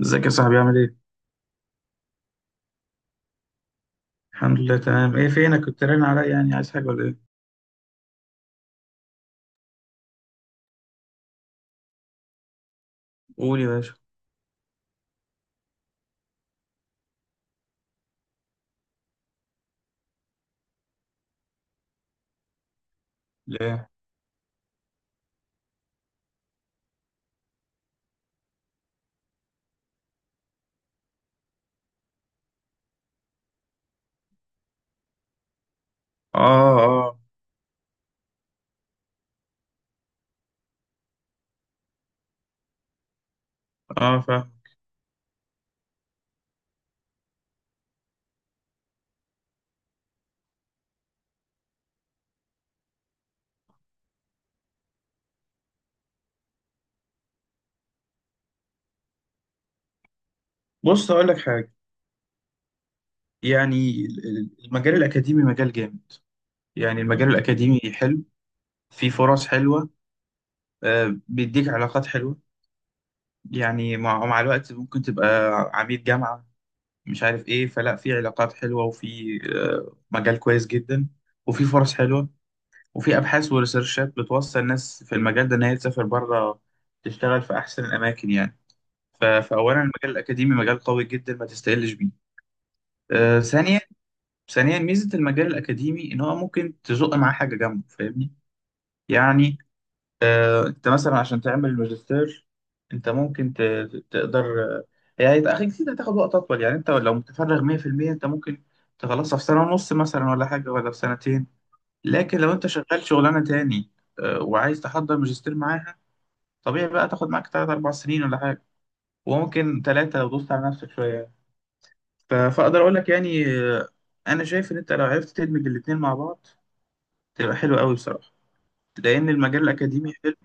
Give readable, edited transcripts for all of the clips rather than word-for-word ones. ازيك يا صاحبي، عامل ايه؟ الحمد لله، تمام. ايه فينك؟ كنت رن عليا، يعني عايز حاجة ولا ايه؟ قول يا باشا. ليه؟ اه، اه، اه، فاهم. بص، اقول لك حاجة. يعني المجال الأكاديمي مجال جامد. يعني المجال الأكاديمي حلو، فيه فرص حلوة. بيديك علاقات حلوة، يعني مع الوقت ممكن تبقى عميد جامعة، مش عارف ايه. فلا، في علاقات حلوة، وفي مجال كويس جدا، وفي فرص حلوة، وفي أبحاث وريسيرشات بتوصل ناس في المجال ده إن هي تسافر بره، تشتغل في أحسن الأماكن يعني. فأولا، المجال الأكاديمي مجال قوي جدا، ما تستقلش بيه. آه ثانيا ثانيا، ميزة المجال الأكاديمي إن هو ممكن تزق معاه حاجة جنبه، فاهمني؟ يعني، أنت مثلا عشان تعمل ماجستير، أنت ممكن تقدر. يعني يبقى أخي كتير هتاخد وقت أطول. يعني أنت لو متفرغ 100%، أنت ممكن تخلصها في سنة ونص مثلا، ولا حاجة، ولا في سنتين. لكن لو انت شغال شغلانه تاني، وعايز تحضر ماجستير معاها، طبيعي بقى تاخد معاك تلات اربع سنين ولا حاجه، وممكن تلاتة لو دوست على نفسك شويه. فاقدر اقول لك، يعني انا شايف ان انت لو عرفت تدمج الاتنين مع بعض، تبقى حلو قوي بصراحه، لان المجال الاكاديمي حلو.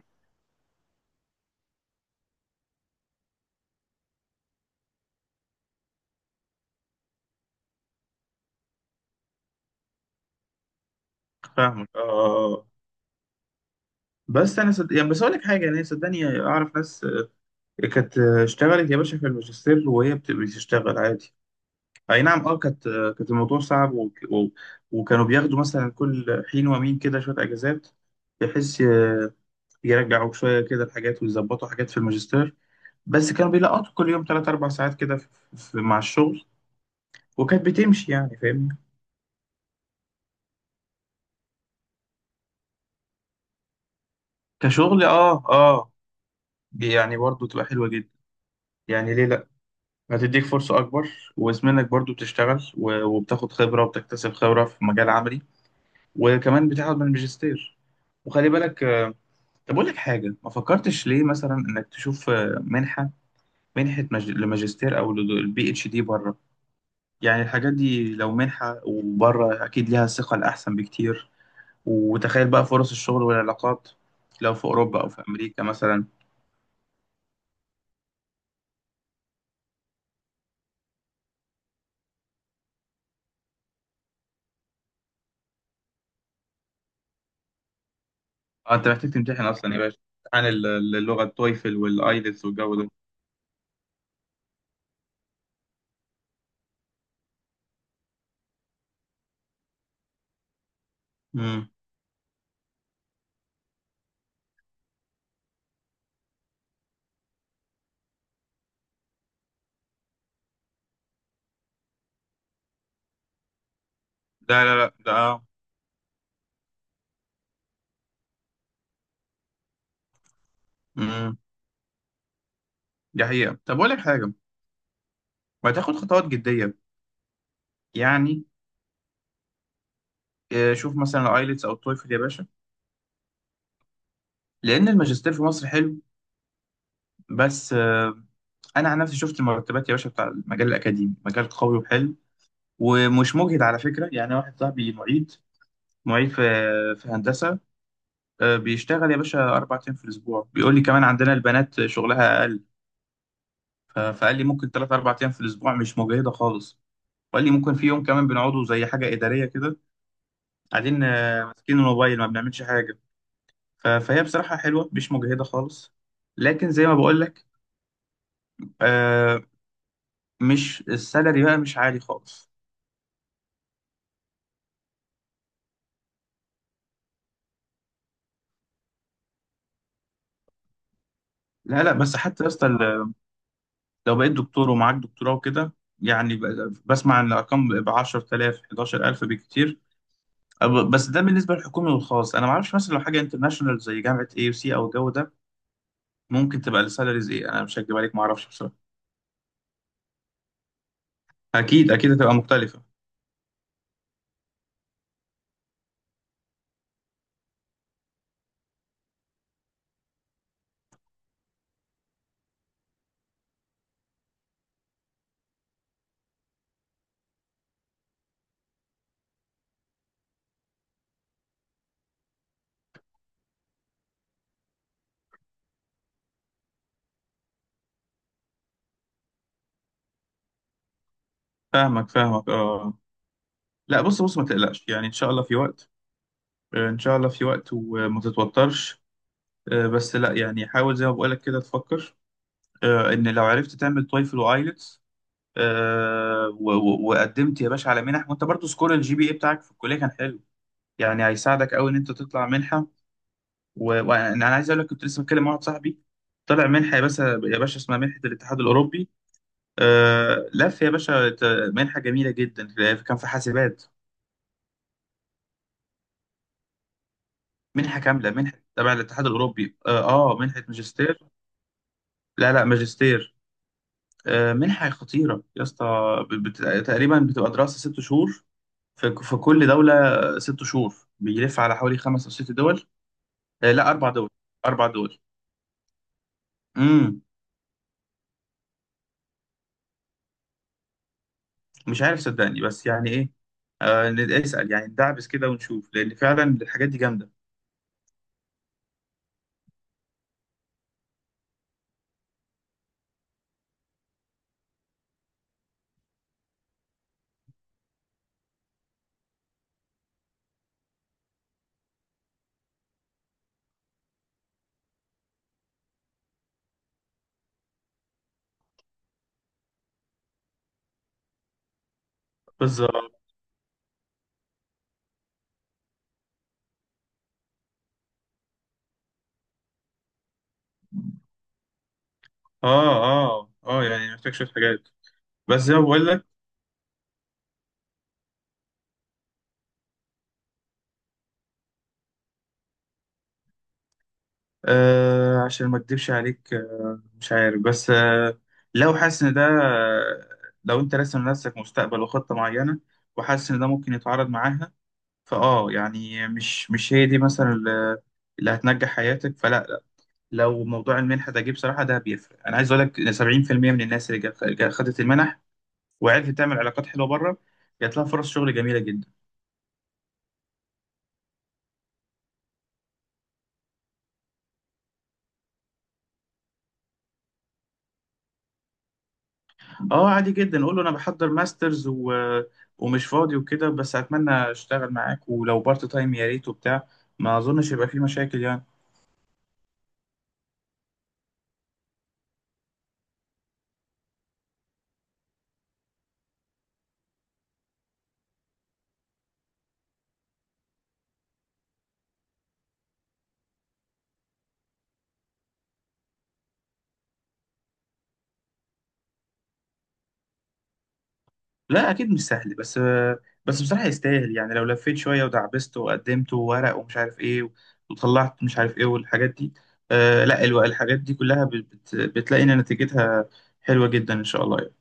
فاهمك، اه. بس انا يعني، بس اقول لك حاجه، يعني صدقني اعرف ناس، كانت اشتغلت يا باشا في الماجستير وهي بتشتغل عادي. اي نعم، اه، كانت الموضوع صعب، وكانوا بياخدوا مثلا كل حين ومين كده شويه اجازات، بحيث يرجعوا شويه كده الحاجات، ويظبطوا حاجات في الماجستير. بس كانوا بيلقطوا كل يوم 3 4 ساعات كده، مع الشغل، وكانت بتمشي يعني، فاهمني. كشغل، اه، اه. دي يعني برضو تبقى حلوه جدا، يعني ليه لا؟ هتديك فرصه اكبر، واسمنك برضو بتشتغل، وبتاخد خبره وبتكتسب خبره في مجال عملي، وكمان بتاخد من الماجستير. وخلي بالك، طب أقول لك حاجة، ما فكرتش ليه مثلا إنك تشوف منحة، لماجستير أو للبي اتش دي بره؟ يعني الحاجات دي لو منحة وبره، أكيد ليها ثقة الأحسن بكتير. وتخيل بقى فرص الشغل والعلاقات، لو في أوروبا أو في أمريكا مثلا. أنت محتاج تمتحن أصلا يا باشا، عن اللغة، التويفل والآيلتس والجو ده. مم. لا، لا، لا، ده. مم. دي حقيقة. طب أقول لك حاجة، ما تاخد خطوات جدية، يعني شوف مثلا الآيلتس أو التويفل يا باشا. لأن الماجستير في مصر حلو، بس انا عن نفسي شفت المرتبات يا باشا، بتاع المجال الاكاديمي مجال قوي وحلو، ومش مجهد على فكره. يعني واحد صاحبي معيد في هندسه، بيشتغل يا باشا 4 ايام في الاسبوع. بيقول لي كمان عندنا البنات شغلها اقل، فقال لي ممكن ثلاث اربع ايام في الاسبوع، مش مجهده خالص. وقال لي ممكن في يوم كمان بنقعده زي حاجه اداريه كده، قاعدين ماسكين الموبايل، ما بنعملش حاجه. فهي بصراحه حلوه، مش مجهده خالص. لكن زي ما بقول لك، آه، مش السالري بقى مش عالي خالص. لا، لا، بس حتى يا اسطى، لو بقيت دكتور ومعاك دكتوراه وكده، يعني بسمع ان الارقام ب 10,000 11,000 بكتير. أب- بس ده بالنسبه للحكومي والخاص، انا ما اعرفش مثلا لو حاجه انترناشونال، زي جامعه اي يو سي او الجو ده، ممكن تبقى السالاريز ايه. انا مش هكدب عليك، ما اعرفش بصراحه. اكيد، اكيد هتبقى مختلفه. فاهمك، فاهمك، اه. لا، بص، بص، ما تقلقش يعني، ان شاء الله في وقت. ان شاء الله في وقت، وما تتوترش. بس لا، يعني حاول زي ما بقولك كده تفكر، ان لو عرفت تعمل تويفل وايلتس، وقدمت يا باشا على منح، وانت برضو سكور الجي بي اي بتاعك في الكليه كان حلو، يعني هيساعدك قوي ان انت تطلع منحه. وانا عايز اقول لك، كنت لسه بتكلم مع واحد صاحبي طلع منحه يا باشا، يا باشا اسمها منحه الاتحاد الاوروبي. لف يا باشا، منحه جميله جدا، كان في حاسبات. منحه كامله، منحه تبع الاتحاد الاوروبي، اه، منحه ماجستير. لا، لا، ماجستير. منحه خطيره يا اسطى. بت- تقريبا بتبقى دراسه 6 شهور، في كل دولة، 6 شهور. بيلف على حوالي خمس أو ست دول. لا، أربع دول، أربع دول. امم مش عارف صدقني، بس يعني إيه، اسأل يعني، ندعبس كده ونشوف، لأن فعلا الحاجات دي جامدة. بالظبط. آه، آه، آه، يعني محتاج شوية حاجات، بس زي ما بقول لك، عشان ما أكدبش عليك. مش عارف بس، لو حاسس إن ده، لو أنت راسم لنفسك مستقبل وخطة معينة، وحاسس إن ده ممكن يتعارض معاها، يعني، مش، هي دي مثلا اللي اللي هتنجح حياتك، فلا، لا. لو موضوع المنحه ده جه، بصراحه ده بيفرق. انا عايز اقول لك إن 70% من الناس اللي خدت المنح، وعرفت تعمل علاقات حلوه بره، جات لها فرص شغل جميله جدا. اه، عادي جدا، قول له انا بحضر ماسترز، ومش فاضي وكده، بس اتمنى اشتغل معاك ولو بارت تايم، يا ريت وبتاع. ما اظنش يبقى في مشاكل يعني. لا، اكيد مش سهل، بس بصراحه يستاهل. يعني لو لفيت شويه، ودعبست وقدمت وورق ومش عارف ايه، وطلعت مش عارف ايه، والحاجات دي، لا، الحاجات دي كلها بتلاقي ان نتيجتها حلوه جدا ان شاء الله، يعني.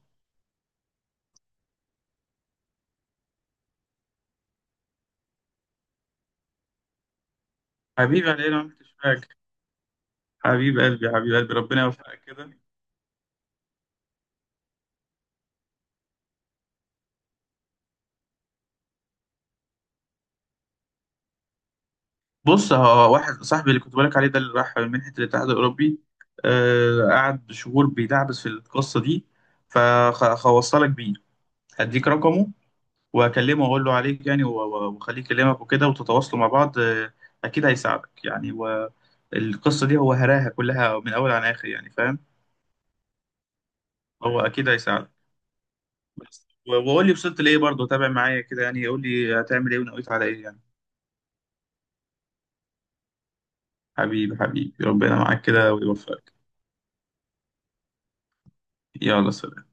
حبيبي، علي انا ما عملتش حاجه. حبيب قلبي، حبيب قلبي، ربنا يوفقك كده. بص، هو واحد صاحبي اللي كنت بقولك عليه ده، اللي راح منحه الاتحاد الاوروبي، قعد شهور بيدعبس في القصه دي. فخوصلك بيه، هديك رقمه، واكلمه واقول له عليك يعني، واخليه يكلمك وكده، وتتواصلوا مع بعض. اكيد هيساعدك يعني، والقصه دي هو هراها كلها من اول عن اخر يعني، فاهم؟ هو اكيد هيساعدك. بس، وقول لي وصلت لايه، برضه تابع معايا كده يعني، قول لي هتعمل ايه ونويت على ايه يعني. حبيبي، حبيبي، ربنا معاك كده ويوفقك. يلا، سلام.